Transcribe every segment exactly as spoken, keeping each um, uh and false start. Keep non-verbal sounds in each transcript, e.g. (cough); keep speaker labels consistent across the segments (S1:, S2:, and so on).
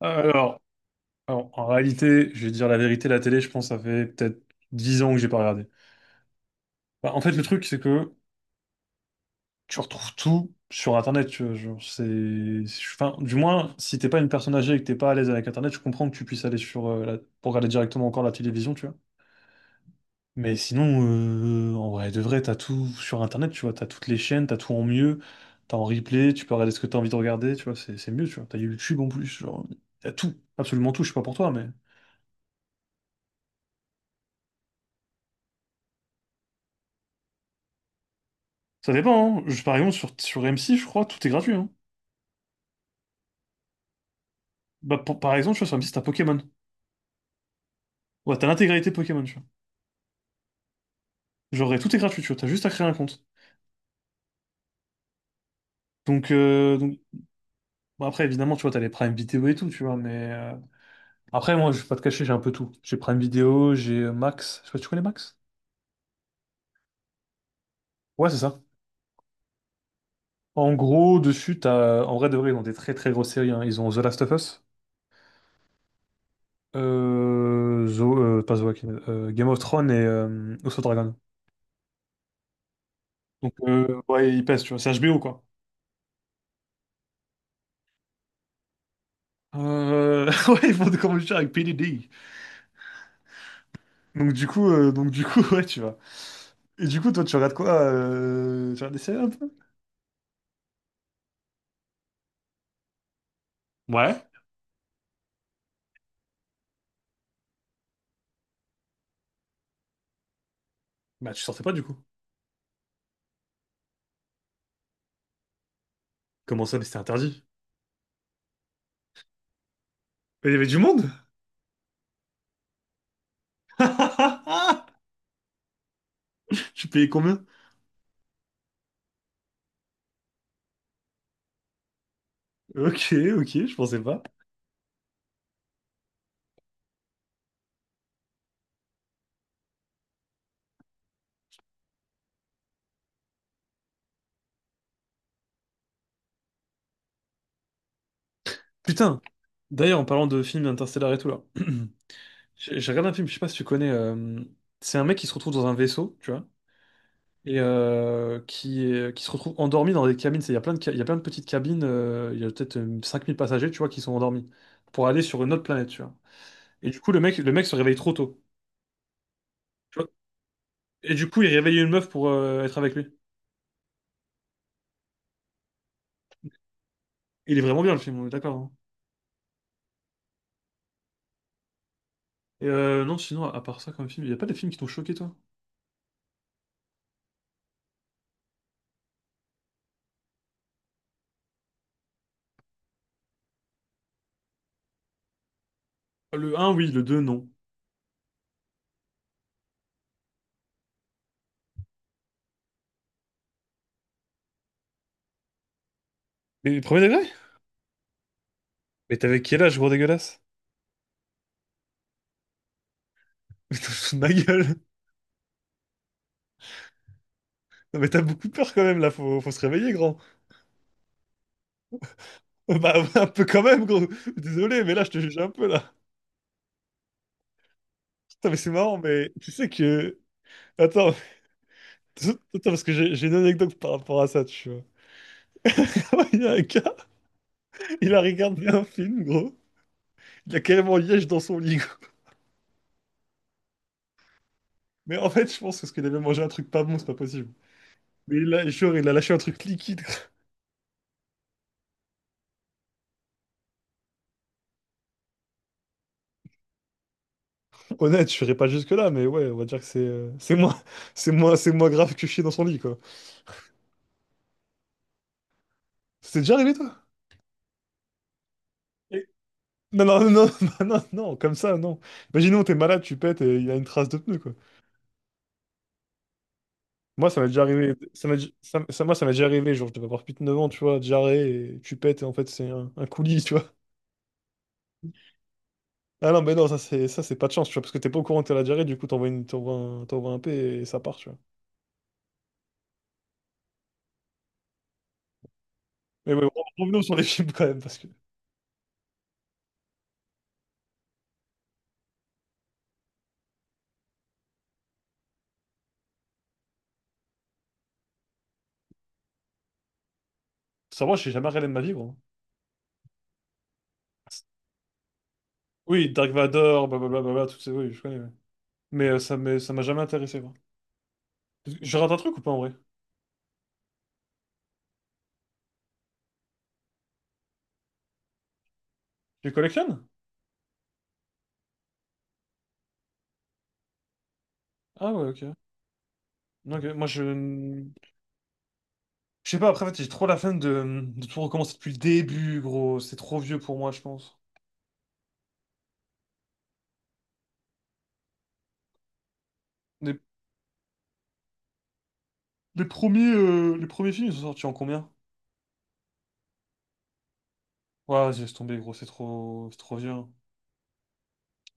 S1: Alors, alors, en réalité, je vais dire la vérité, la télé, je pense, ça fait peut-être dix ans que j'ai pas regardé. Bah, en fait, le truc, c'est que tu retrouves tout sur Internet. Tu vois, genre, c'est, c'est- enfin, du moins, si t'es pas une personne âgée et que t'es pas à l'aise avec Internet, je comprends que tu puisses aller sur euh, la- pour regarder directement encore la télévision, tu vois. Mais sinon, euh, en vrai, de vrai, t'as tout sur Internet, tu vois. T'as toutes les chaînes, t'as tout en mieux, t'as en replay, tu peux regarder ce que t'as envie de regarder, tu vois. C'est c'est mieux, tu vois. T'as YouTube en plus, genre, t'as tout, absolument tout. Je sais pas pour toi, mais. Ça dépend, hein. Je- par exemple, sur, sur M six, je crois, tout est gratuit, hein. Bah, pour- par exemple, tu vois, sur M six, t'as Pokémon. Ouais, t'as l'intégralité Pokémon, tu vois. Genre, et tout est gratuit, tu vois, t'as juste à créer un compte. Donc, euh, donc bon, après, évidemment, tu vois, t'as les Prime Vidéo et tout, tu vois, mais. euh, Après, moi, je vais pas te cacher, j'ai un peu tout. J'ai Prime Vidéo, j'ai euh, Max. Je sais pas, tu connais Max? Ouais, c'est ça. En gros, dessus, t'as. En vrai, de vrai, ils ont des très très grosses séries, hein. Ils ont The Last of Us, euh... Zo- euh, pas The Walking Dead, euh, Game of Thrones et euh, House of Dragon. Donc, euh, ouais, ils pèsent, tu vois, c'est H B O, quoi. Euh... (laughs) Ouais, ils font des combats avec P D D. Donc du coup, euh, donc du coup, (laughs) ouais, tu vois. Et du coup, toi, tu regardes quoi euh, tu regardes des séries un peu? Ouais. Bah, tu sortais pas du coup. Comment ça, mais c'était interdit? Mais il y avait du monde? (laughs) Tu payais combien? Ok, ok, je pensais pas. Putain, d'ailleurs, en parlant de films interstellaires et tout là, (clears throat) j'ai j'ai regardé un film, je sais pas si tu connais. euh, C'est un mec qui se retrouve dans un vaisseau, tu vois. Et euh, qui, est- qui se retrouvent endormis dans des cabines. C'est- Il y a plein de, ca- il y a plein de petites cabines, euh, il y a peut-être euh, cinq mille passagers, tu vois, qui sont endormis pour aller sur une autre planète, tu vois. Et du coup, le mec, le mec se réveille trop tôt. Tu vois. Et du coup, il réveille une meuf pour euh, être avec lui. Il est vraiment bien, le film, on est d'accord, hein. Et euh, non, sinon, à part ça, comme film, il n'y a pas des films qui t'ont choqué, toi? Le un oui, le deux non. Mais le premier degré? Mais t'avais quel âge, gros dégueulasse? (laughs) Mais t'as foutu de ma gueule! Non, mais t'as beaucoup peur quand même, là, faut, faut se réveiller, grand. (laughs) Bah, un peu quand même, gros. Désolé, mais là, je te juge un peu, là. (laughs) Attends, mais c'est marrant, mais tu sais que. Attends, (laughs) attends, parce que j'ai j'ai une anecdote par rapport à ça, tu vois. (laughs) Il y a un gars, il a regardé un film, gros. Il a carrément liège dans son lit, gros. Mais en fait, je pense que parce qu'il avait mangé un truc pas bon, c'est pas possible. Mais il a, genre, il a lâché un truc liquide. (laughs) Honnête, je serais pas jusque-là, mais ouais, on va dire que c'est euh, c'est moins, (laughs) c'est moins, c'est moins grave que chier dans son lit, quoi. C'est déjà arrivé, toi? Et- Non, non, non, (laughs) non, non, non, comme ça, non. Imaginons, t'es malade, tu pètes et il y a une trace de pneu, quoi. Moi, ça m'est déjà arrivé. Ça m'est- ça- ça- Moi, ça m'est déjà arrivé. Genre, je devais avoir plus de neuf ans, tu vois, diarrhée, et tu pètes, et en fait, c'est un, un coulis, tu vois. Ah non, mais non, ça, c'est ça, c'est pas de chance, tu vois, parce que t'es pas au courant que t'as la diarrhée, du coup, t'envoies une, t'envoies un, t'envoies un P et ça part, tu vois. Mais ouais, revenons sur les films quand même, parce que ça, moi, j'ai jamais regardé de ma vie, gros. Oui, Dark Vador, blablabla, tout ça, oui, je connais, ouais. Mais euh, ça m'est- ça m'a jamais intéressé, quoi. Je rate un truc ou pas, en vrai? Tu les collectionnes? Ah ouais, ok. Ok, moi, je. Je sais pas, après, en fait, j'ai trop la flemme de, de tout recommencer depuis le début, gros. C'est trop vieux pour moi, je pense. Les, les premiers, euh, les premiers films, ils sont sortis en combien? Ouais, j'ai laisse tomber, gros, c'est trop, c'est trop vieux, hein.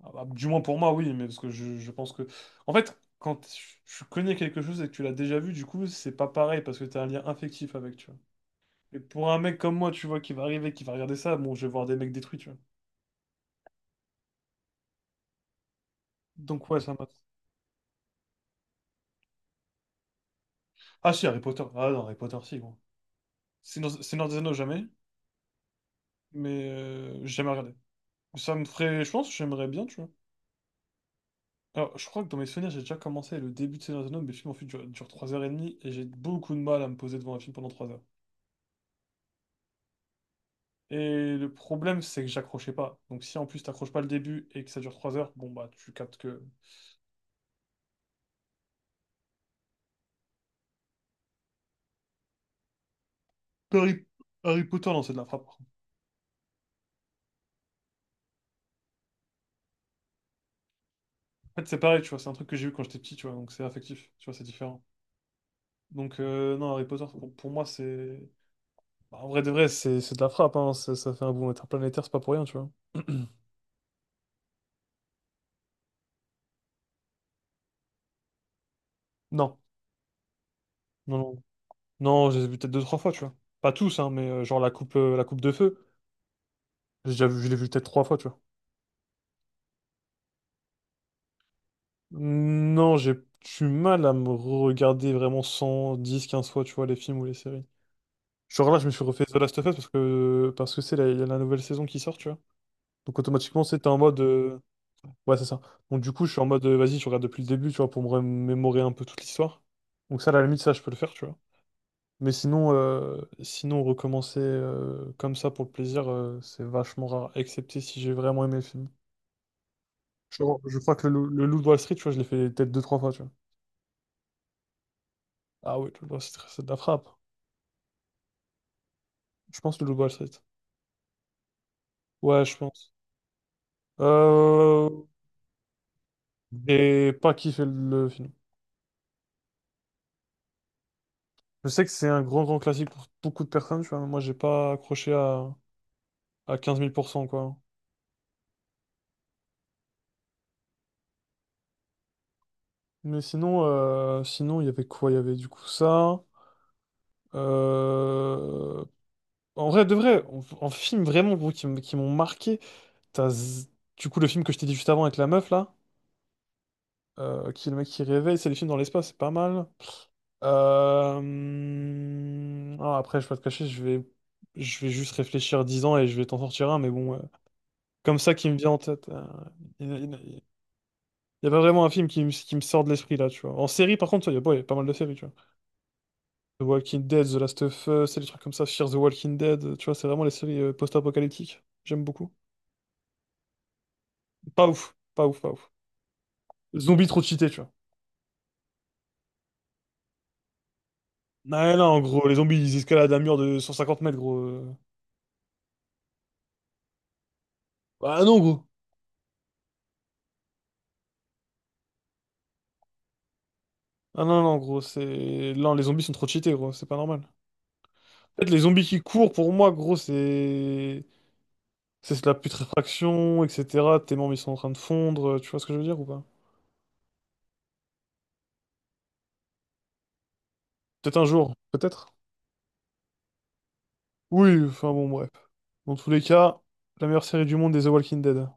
S1: Ah bah, du moins pour moi, oui, mais parce que je, je pense que. En fait, quand tu tu connais quelque chose et que tu l'as déjà vu, du coup, c'est pas pareil, parce que t'as un lien affectif avec, tu vois. Et pour un mec comme moi, tu vois, qui va arriver, qui va regarder ça, bon, je vais voir des mecs détruits, tu vois. Donc ouais, ça m'a. Ah si, Harry Potter. Ah non, Harry Potter, si, gros. Seigneur Seigneur des Anneaux, jamais. Mais euh, j'ai jamais regardé. Ça me ferait. Je pense que j'aimerais bien, tu vois. Alors, je crois que dans mes souvenirs, j'ai déjà commencé le début de Seigneur des Anneaux, mais le film en fait dure, dure trois heures trente et j'ai beaucoup de mal à me poser devant un film pendant trois heures. Et le problème, c'est que j'accrochais pas. Donc, si en plus t'accroches pas le début et que ça dure trois heures, bon bah, tu captes que. Harry, Harry Potter, non, c'est de la frappe. En fait, c'est pareil, tu vois, c'est un truc que j'ai eu quand j'étais petit, tu vois, donc c'est affectif, tu vois, c'est différent. Donc, euh, non, Harry Potter, pour, pour moi, c'est. Bah, en vrai de vrai, c'est c'est de la frappe, hein, ça, ça fait un boom interplanétaire, c'est pas pour rien, tu vois. (clears throat) Non. Non, non. Non, je les ai vus peut-être deux, trois fois, tu vois. Pas tous, hein, mais euh, genre la coupe, euh, la coupe de feu, j'ai déjà vu, je l'ai vu peut-être trois fois, tu vois. Non, j'ai du mal à me regarder vraiment cent, dix, quinze fois, tu vois, les films ou les séries. Genre là, je me suis refait The Last of Us parce que parce que c'est la, il y a la nouvelle saison qui sort, tu vois. Donc automatiquement, c'était en mode euh, ouais, c'est ça. Donc du coup, je suis en mode euh, vas-y, je regarde depuis le début, tu vois, pour me remémorer un peu toute l'histoire. Donc ça, à la limite, ça, je peux le faire, tu vois. Mais sinon, euh, sinon recommencer euh, comme ça pour le plaisir, euh, c'est vachement rare, excepté si j'ai vraiment aimé le film. Je, crois je crois que le, Loup le Loup de Wall Street, tu vois, je l'ai fait peut-être deux, trois fois, tu vois. Ah oui, le Loup de Wall Street, c'est de la frappe. Je pense le Loup de Wall Street. Ouais, je pense. Euh, et pas kiffé le, le film. Je sais que c'est un grand, grand classique pour beaucoup de personnes, tu vois. Moi, j'ai pas accroché à, à quinze mille pour cent, quoi. Mais sinon, euh, sinon, il y avait quoi? Il y avait du coup ça. Euh, En vrai, de vrai, en, en film vraiment, gros, qui, m- qui m'ont marqué, t'as z- du coup le film que je t'ai dit juste avant avec la meuf là, euh, qui est le mec qui réveille, c'est les films dans l'espace, c'est pas mal. Euh, hum, ah, après, je vais pas te cacher, je vais, je vais juste réfléchir dix ans et je vais t'en sortir un, mais bon, euh, comme ça qui me vient en tête. euh, Il il- il- il y a pas vraiment un film qui, me- qui me sort de l'esprit là, tu vois. En série, par contre, il y a, bon, il y a pas mal de séries, tu vois. The Walking Dead, The Last of Us, c'est des trucs comme ça, Fear the Walking Dead, euh, tu vois, c'est vraiment les séries euh, post-apocalyptiques. J'aime beaucoup. Pas ouf, pas ouf, pas ouf. Zombies trop cheatés, tu vois. Non, non, en gros, les zombies, ils escaladent un mur de cent cinquante mètres, gros. Euh. Ah non, gros. Ah non, non, gros, c'est. Non, les zombies sont trop cheatés, gros, c'est pas normal. En fait, les zombies qui courent, pour moi, gros, c'est. C'est de la putréfaction, et cetera. Tes membres, ils sont en train de fondre, euh, tu vois ce que je veux dire ou pas? Peut-être un jour, peut-être. Oui, enfin bon, bref. Dans tous les cas, la meilleure série du monde est The Walking Dead.